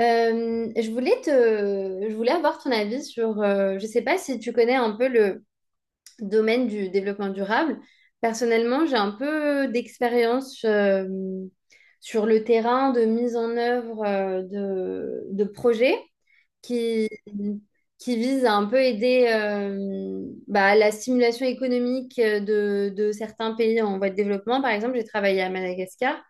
Je voulais avoir ton avis sur, je sais pas si tu connais un peu le domaine du développement durable. Personnellement, j'ai un peu d'expérience sur le terrain de mise en œuvre de projets qui, qui visent à un peu aider bah, la stimulation économique de certains pays en voie de développement. Par exemple, j'ai travaillé à Madagascar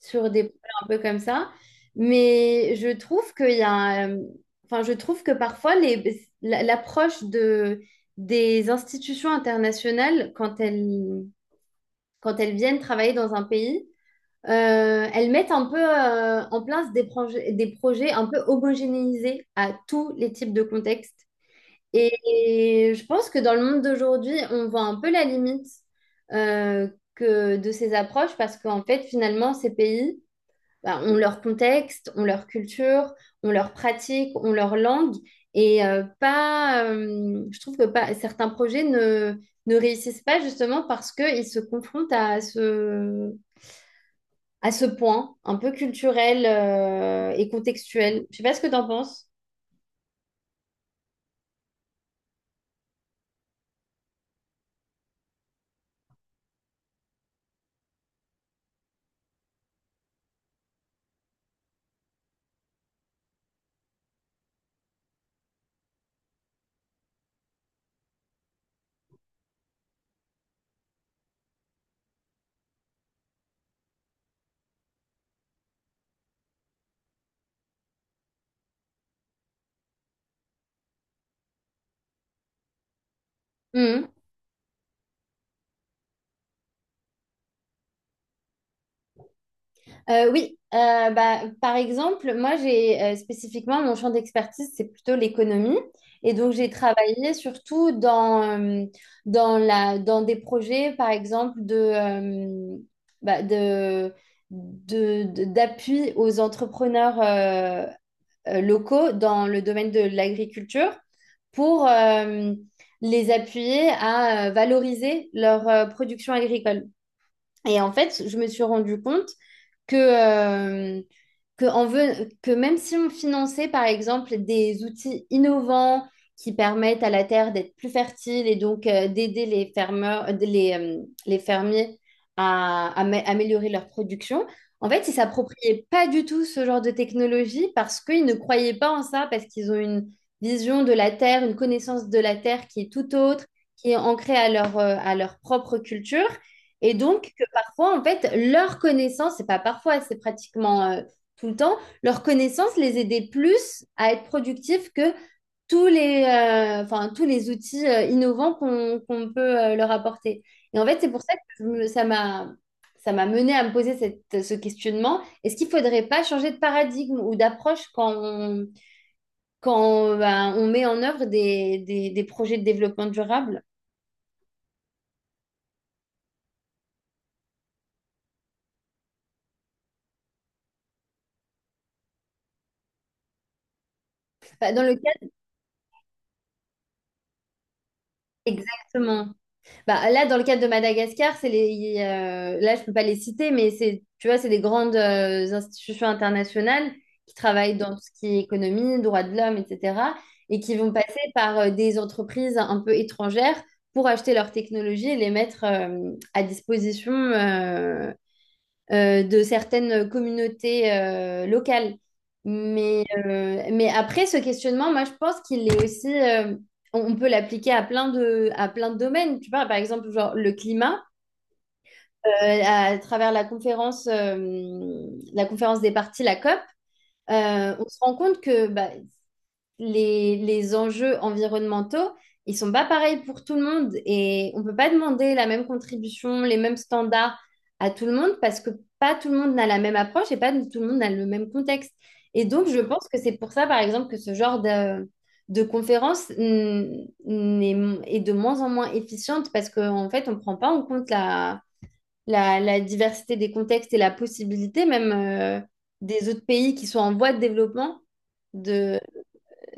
sur des projets un peu comme ça. Mais je trouve qu'il y a, enfin, je trouve que parfois l'approche des institutions internationales, quand elles viennent travailler dans un pays, elles mettent un peu en place des projets un peu homogénéisés à tous les types de contextes. Et je pense que dans le monde d'aujourd'hui, on voit un peu la limite euh, que de ces approches parce qu'en fait, finalement, ces pays, bah, ont leur contexte, ont leur culture, ont leur pratique, ont leur langue. Et pas, je trouve que pas, certains projets ne réussissent pas justement parce qu'ils se confrontent à ce point un peu culturel et contextuel. Je sais pas ce que tu en penses. Oui, bah, par exemple, moi j'ai spécifiquement mon champ d'expertise, c'est plutôt l'économie. Et donc j'ai travaillé surtout dans des projets, par exemple, bah, d'appui aux entrepreneurs locaux dans le domaine de l'agriculture pour les appuyer à valoriser leur production agricole. Et en fait, je me suis rendu compte que, euh, que même si on finançait, par exemple, des outils innovants qui permettent à la terre d'être plus fertile et donc d'aider les fermiers à améliorer leur production, en fait, ils s'appropriaient pas du tout ce genre de technologie parce qu'ils ne croyaient pas en ça, parce qu'ils ont une vision de la terre, une connaissance de la terre qui est tout autre, qui est ancrée à à leur propre culture. Et donc, que parfois, en fait, leur connaissance, c'est pas parfois, c'est pratiquement tout le temps, leur connaissance les aidait plus à être productifs que enfin, tous les outils innovants qu'on peut leur apporter. Et en fait, c'est pour ça que ça m'a mené à me poser ce questionnement. Est-ce qu'il ne faudrait pas changer de paradigme ou d'approche quand on, ben, on met en œuvre des projets de développement durable? Enfin, dans le cadre, exactement. Bah, là, dans le cadre de Madagascar, c'est là, je peux pas les citer, mais c'est, tu vois, c'est des grandes institutions internationales qui travaillent dans tout ce qui est économie, droits de l'homme, etc., et qui vont passer par des entreprises un peu étrangères pour acheter leurs technologies et les mettre à disposition de certaines communautés locales. Mais après, ce questionnement, moi, je pense qu'il est aussi, on peut l'appliquer à plein de domaines. Tu vois, par exemple, genre le climat, euh, à travers la conférence des parties, la COP, on se rend compte que bah, les enjeux environnementaux, ils sont pas pareils pour tout le monde et on peut pas demander la même contribution, les mêmes standards à tout le monde parce que pas tout le monde n'a la même approche et pas tout le monde n'a le même contexte. Et donc, je pense que c'est pour ça, par exemple, que ce genre de conférence est de moins en moins efficiente parce qu'en fait, on ne prend pas en compte la diversité des contextes et la possibilité même des autres pays qui sont en voie de développement de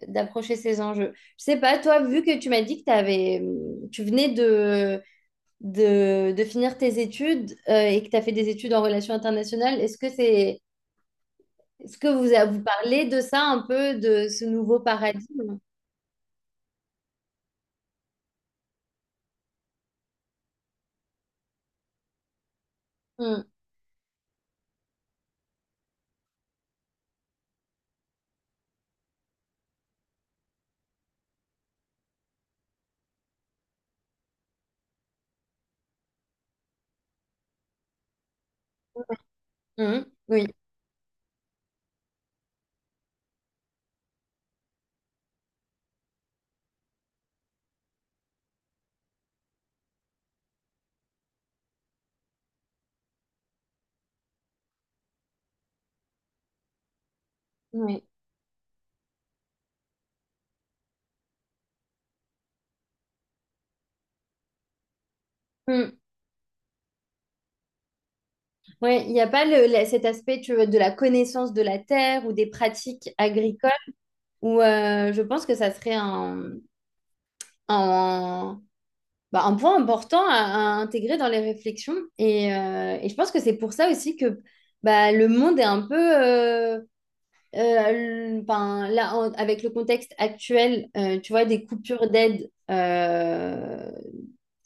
d'approcher ces enjeux. Je sais pas, toi, vu que tu m'as dit que tu venais de finir tes études et que tu as fait des études en relations internationales, est-ce que vous parlez de ça un peu, de ce nouveau paradigme? Mm, mm, oui, oui. Mm. Ouais, il n'y a pas cet aspect tu vois, de la connaissance de la terre ou des pratiques agricoles où je pense que ça serait un, bah, un point important à intégrer dans les réflexions. Et je pense que c'est pour ça aussi que bah, le monde est un peu ben, là, avec le contexte actuel, tu vois, des coupures d'aide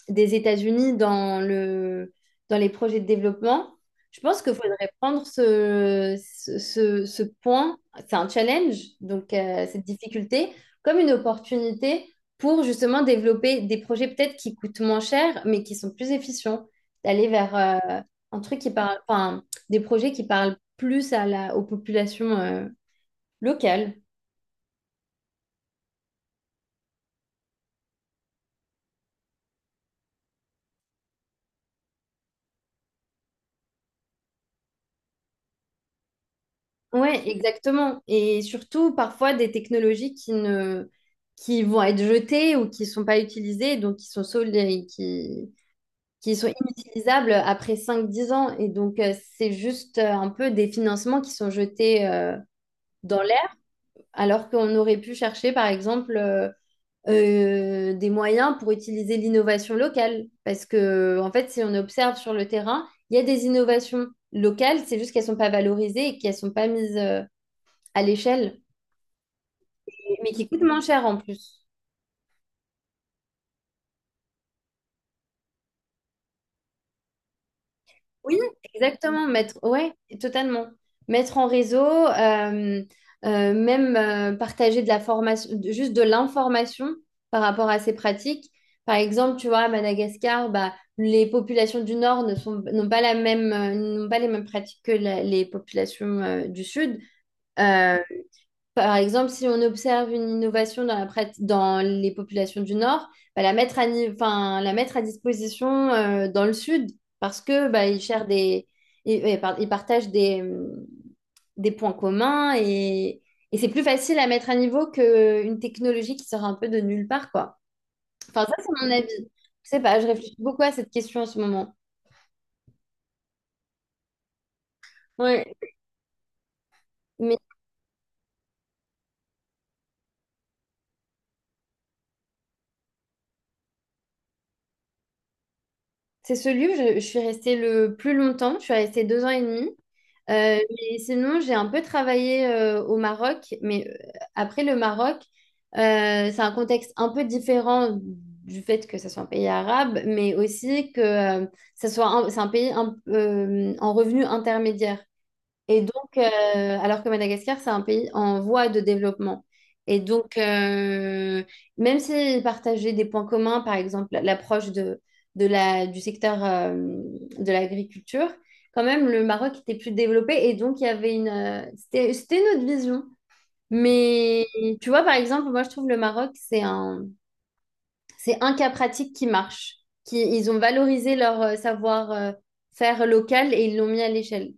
des États-Unis dans les projets de développement, je pense qu'il faudrait prendre ce point, c'est un challenge, donc cette difficulté, comme une opportunité pour justement développer des projets peut-être qui coûtent moins cher, mais qui sont plus efficients, d'aller vers un truc qui parle, enfin, des projets qui parlent plus à aux populations. Local. Ouais, exactement. Et surtout, parfois, des technologies qui ne, qui vont être jetées ou qui ne sont pas utilisées, donc qui sont solides et qui sont inutilisables après 5-10 ans. Et donc, c'est juste un peu des financements qui sont jetés dans l'air, alors qu'on aurait pu chercher, par exemple, des moyens pour utiliser l'innovation locale. Parce que, en fait, si on observe sur le terrain, il y a des innovations locales, c'est juste qu'elles ne sont pas valorisées et qu'elles ne sont pas mises à l'échelle, mais qui coûte moins cher en plus. Oui, exactement, ouais, totalement. Mettre en réseau, même partager de la formation, juste de l'information par rapport à ces pratiques. Par exemple, tu vois, à Madagascar, bah, les populations du Nord ne sont, n'ont pas la même, n'ont pas les mêmes pratiques que les populations du Sud. Euh, Par exemple, si on observe une innovation dans les populations du Nord, bah, la mettre à, ni- enfin, la mettre à disposition dans le Sud parce que bah, ils cherchent des, ils, par- ils partagent des points communs et c'est plus facile à mettre à niveau qu'une technologie qui sort un peu de nulle part, quoi. Enfin, ça, c'est mon avis. Je sais pas, je réfléchis beaucoup à cette question en ce moment. Ouais. Mais c'est ce livre, je suis restée le plus longtemps, je suis restée 2 ans et demi. Mais sinon, j'ai un peu travaillé au Maroc, mais après le Maroc, c'est un contexte un peu différent du fait que ça soit un pays arabe, mais aussi que c'est un pays en revenu intermédiaire. Et donc, alors que Madagascar, c'est un pays en voie de développement. Et donc, même s'ils partageaient des points communs, par exemple l'approche du secteur de l'agriculture, quand même, le Maroc était plus développé. Et donc, il y avait une. C'était notre vision. Mais tu vois, par exemple, moi, je trouve le Maroc, c'est un cas pratique qui marche. Ils ont valorisé leur savoir-faire local et ils l'ont mis à l'échelle.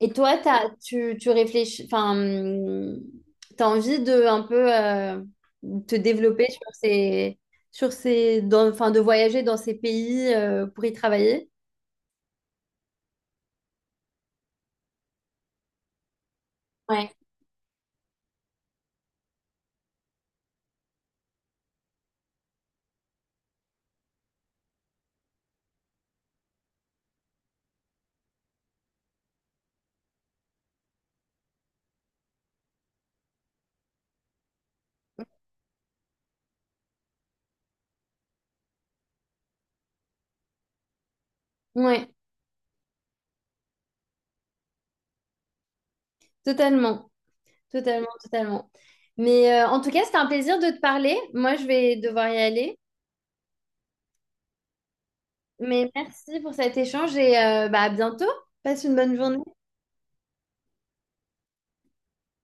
Et toi, tu réfléchis, enfin, tu as envie de un peu te développer enfin, de voyager dans ces pays pour y travailler? Ouais, ouais, totalement, totalement, totalement. Mais en tout cas, c'était un plaisir de te parler. Moi, je vais devoir y aller. Mais merci pour cet échange et bah, à bientôt. Passe une bonne journée.